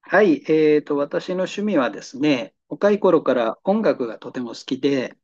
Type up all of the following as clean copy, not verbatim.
はい、私の趣味はですね、若い頃から音楽がとても好きで、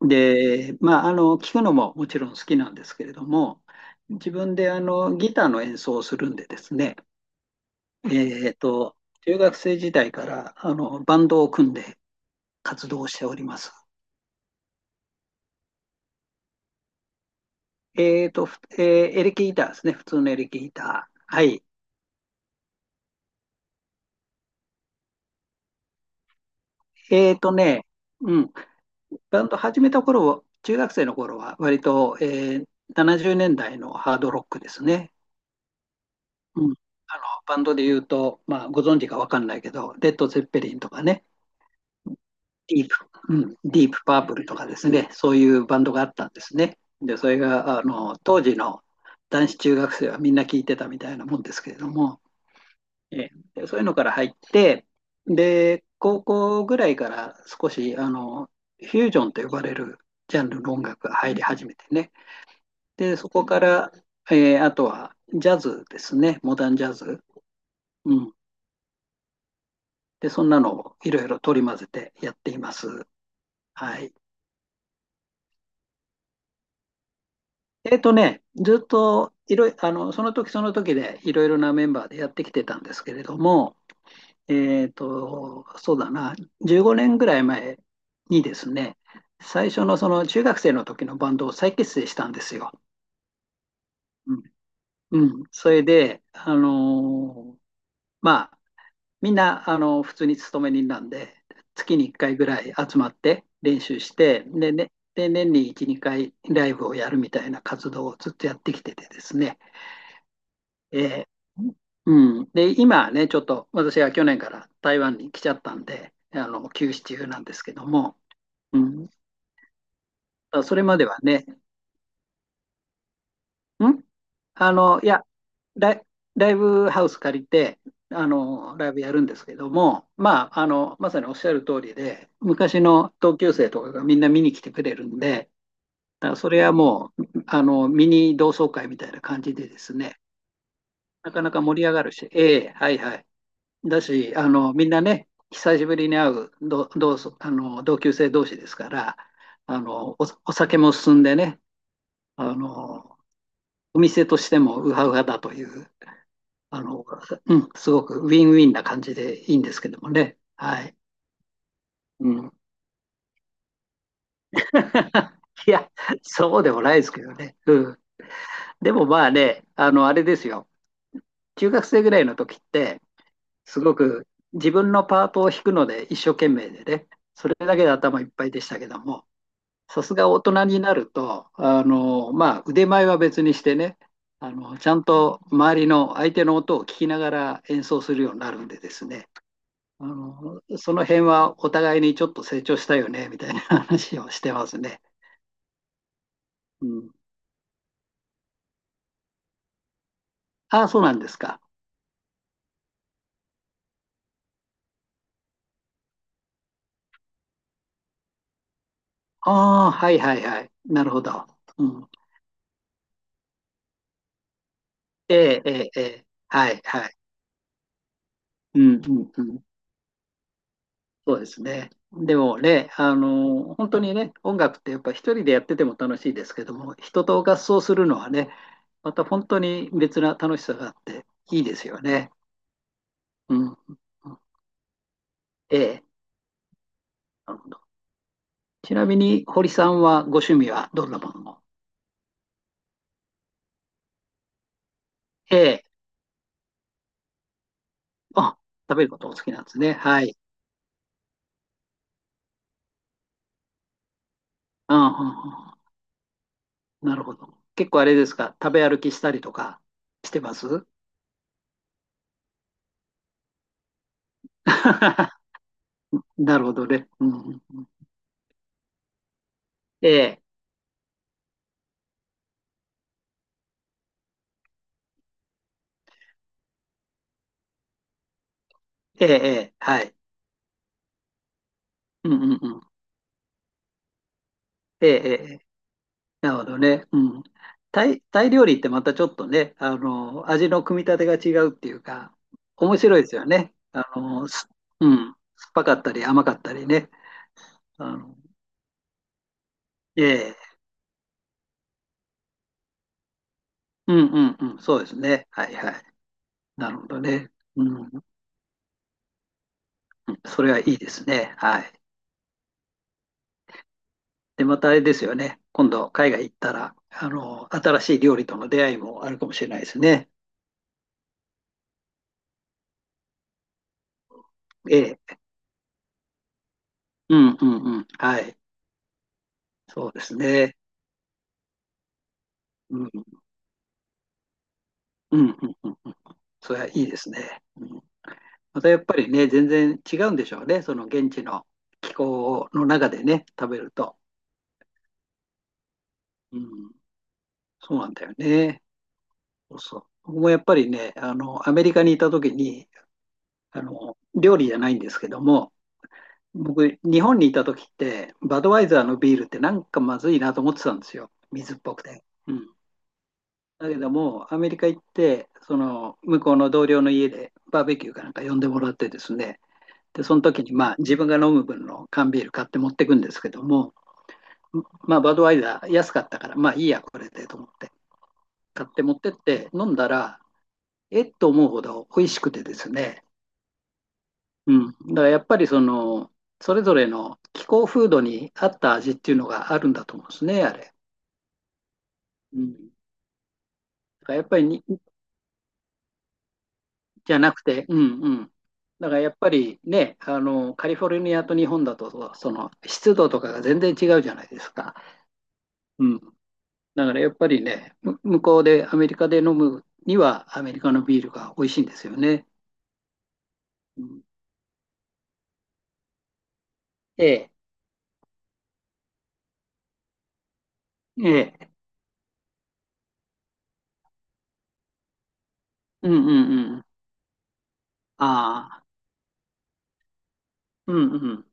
聴くのももちろん好きなんですけれども、自分でギターの演奏をするんでですね、えーと、中学生時代からバンドを組んで活動しております。えーと、ふえーエレキギターですね、普通のエレキギター。はい。えーとね、うん、バンド始めた頃、中学生の頃は割と、ー70年代のハードロックですね。うん、あのバンドで言うと、まあ、ご存知かわかんないけど、レッド・ゼッペリンとかね、ディープ、うん、ディープ・パープルとかですね、そういうバンドがあったんですね。で、それがあの当時の男子中学生はみんな聞いてたみたいなもんですけれども、えそういうのから入って、で、高校ぐらいから少しフュージョンと呼ばれるジャンルの音楽が入り始めてね。で、そこから、あとはジャズですね、モダンジャズ。うん、で、そんなのをいろいろ取り混ぜてやっています。はい。ずっといろいあの、その時その時でいろいろなメンバーでやってきてたんですけれども、そうだな、15年ぐらい前にですね、最初のその中学生の時のバンドを再結成したんですよ。うん。うん、それで、まあ、みんな、あの、普通に勤め人なんで、月に1回ぐらい集まって練習して、で、ね、で年に1、2回ライブをやるみたいな活動をずっとやってきててですね、えーうん、で、今ね、ちょっと私は去年から台湾に来ちゃったんで、あの、休止中なんですけども、うん、あ、それまではね、んあの、いや、ライ、ライブハウス借りて、あの、ライブやるんですけども、まあ、あの、まさにおっしゃる通りで、昔の同級生とかがみんな見に来てくれるんで、だからそれはもう、あの、ミニ同窓会みたいな感じでですね、なかなか盛り上がるし、ええ、はいはい。だし、あの、みんなね、久しぶりに会う同、同窓、あの、同級生同士ですから、あの、お酒も進んでね、あの、お店としてもウハウハだというあの、うん、すごくウィンウィンな感じでいいんですけどもね。はい。うん。いや、そうでもないですけどね。うん。でもまあね、あの、あれですよ。中学生ぐらいの時って、すごく自分のパートを弾くので一生懸命でね、それだけで頭いっぱいでしたけども、さすが大人になると、あの、まあ、腕前は別にしてね、あの、ちゃんと周りの相手の音を聞きながら演奏するようになるんでですね、あの、その辺はお互いにちょっと成長したよね、みたいな話をしてますね。うん。ああ、そうなんですか。ああ、はいはいはい。なるほど。うん。ええ、ええ、ええ、はいはい。うん、うん、うん。そうですね。でもね、あの、本当にね、音楽ってやっぱ一人でやってても楽しいですけども、人と合奏するのはね、また本当に別な楽しさがあっていいですよね。うん。うん、ええ、なるほど。ちなみに、堀さんはご趣味はどんなものを。ええ。あ、食べることお好きなんですね。はい。うん、うん、うんうん。なるほど。結構あれですか、食べ歩きしたりとかしてます？ なるほどね。うん、うんうん。ええ、ええ、ええ、はい。うん、うん、うん。ええ、ええ。ええ、なるほどね。うん。タイ料理ってまたちょっとね、あの、味の組み立てが違うっていうか、面白いですよね。あの、うん。酸っぱかったり甘かったりね。あの、ええ。うん、うん、うん。そうですね。はい、はい。なるほどね。うん。それはいいですね。はい。で、またあれですよね。今度、海外行ったら、あの、新しい料理との出会いもあるかもしれないですね。ええ。うんうんうん。はい。そうですね。うん。うんうんうんうん。それはいいですね。うん。またやっぱりね、全然違うんでしょうね。その現地の気候の中でね、食べると。うん。そうなんだよね。そうそう。僕もやっぱりね、あの、アメリカにいた時に、あの、料理じゃないんですけども、僕、日本にいた時って、バドワイザーのビールってなんかまずいなと思ってたんですよ。水っぽくて。うん。だけども、アメリカ行って、その、向こうの同僚の家でバーベキューかなんか呼んでもらってですね、で、その時に、まあ、自分が飲む分の缶ビール買って持ってくんですけども、まあ、バドワイザー安かったから、まあいいや、これでと思って、買って持ってって飲んだら、えっと思うほど美味しくてですね、うん。だからやっぱりその、それぞれの気候風土に合った味っていうのがあるんだと思うんですね、あれ。うん。だからやっぱりに、じゃなくて、うんうん。だからやっぱりね、あの、カリフォルニアと日本だと、その湿度とかが全然違うじゃないですか。うん。だからやっぱりね、向こうでアメリカで飲むにはアメリカのビールが美味しいんですよね。うん、ええ、ええ、うんうんうん。ああ、うんうん。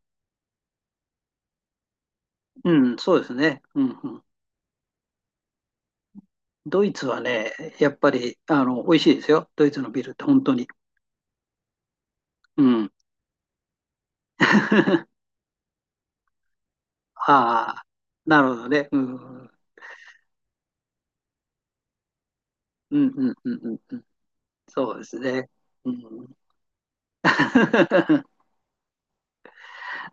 うん、そうですね。うんうん。ドイツはね、やっぱり、あの、美味しいですよ。ドイツのビールって本当に。うん。ああ、なるほどね。うん。うんうんうんうんうん。そうですね。うん、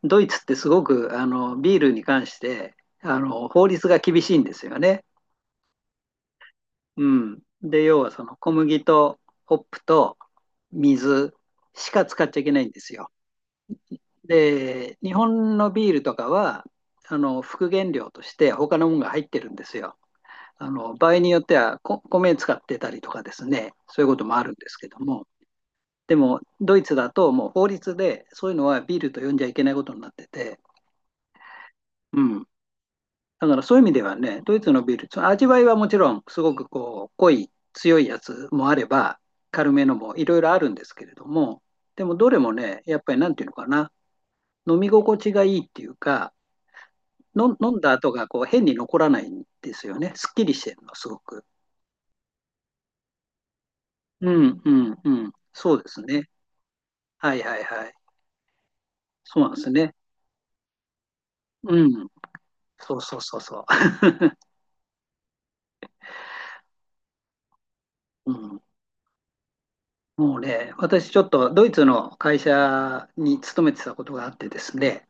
ドイツってすごくビールに関してあの法律が厳しいんですよね。うん、で要はその小麦とホップと水しか使っちゃいけないんですよ。で、日本のビールとかは、あの副原料として他のものが入ってるんですよ。あの場合によっては米使ってたりとかですね、そういうこともあるんですけども、でもドイツだともう法律でそういうのはビールと呼んじゃいけないことになってて、うん、だからそういう意味ではね、ドイツのビール、その味わいはもちろんすごくこう濃い、強いやつもあれば、軽めのもいろいろあるんですけれども、でもどれもね、やっぱりなんていうのかな、飲み心地がいいっていうか、飲んだ後がこう変に残らないんですよね。すっきりしてるの、すごく。うんうんうん。そうですね。はいはいはい。そうなんですね。うん。そうそうそうそう。うん。もうね、私ちょっとドイツの会社に勤めてたことがあってですね。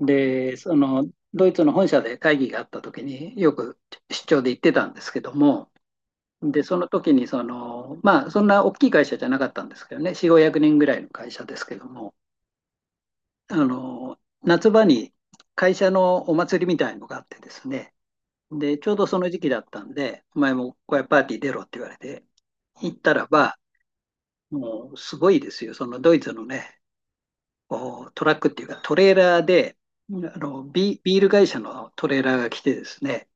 で、そのドイツの本社で会議があった時によく出張で行ってたんですけども、で、その時にその、まあ、そんな大きい会社じゃなかったんですけどね、4、500人ぐらいの会社ですけども、あの、夏場に会社のお祭りみたいのがあってですね、で、ちょうどその時期だったんで、お前も小屋パーティー出ろって言われて、行ったらば、もうすごいですよ、そのドイツのね、こうトラックっていうかトレーラーで、あビール会社のトレーラーが来てですね、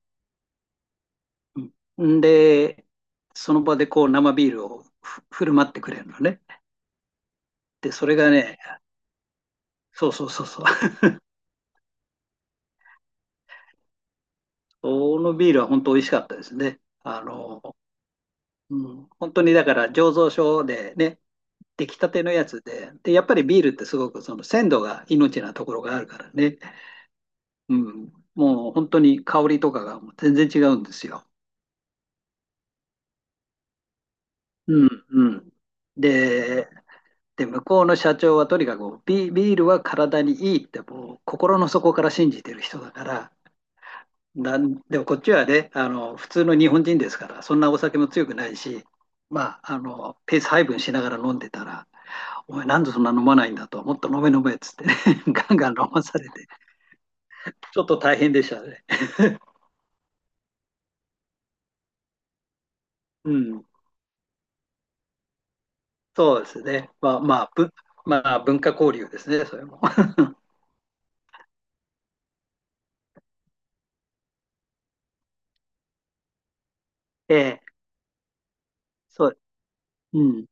うん、で、その場でこう生ビールを振る舞ってくれるのね。で、それがね、そうそうそうそう、このビールは本当美味しかったですね。あの、うん、本当にだから醸造所でね、出来たてのやつで、で、やっぱりビールってすごくその鮮度が命なところがあるからね、うん、もう本当に香りとかがもう全然違うんですよ。うん、うん。で、で、向こうの社長はとにかくビールは体にいいってもう心の底から信じてる人だから、なんでもこっちはね、あの、普通の日本人ですから、そんなお酒も強くないし、まあ、あの、ペース配分しながら飲んでたら、お前なんでそんな飲まないんだと、もっと飲め飲めっつってね ガンガン飲まされて、ちょっと大変でしたね。うん、そうですね。まあ、文化交流ですね、それも。えーそう、うん、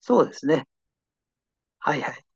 そうですね。はいはい。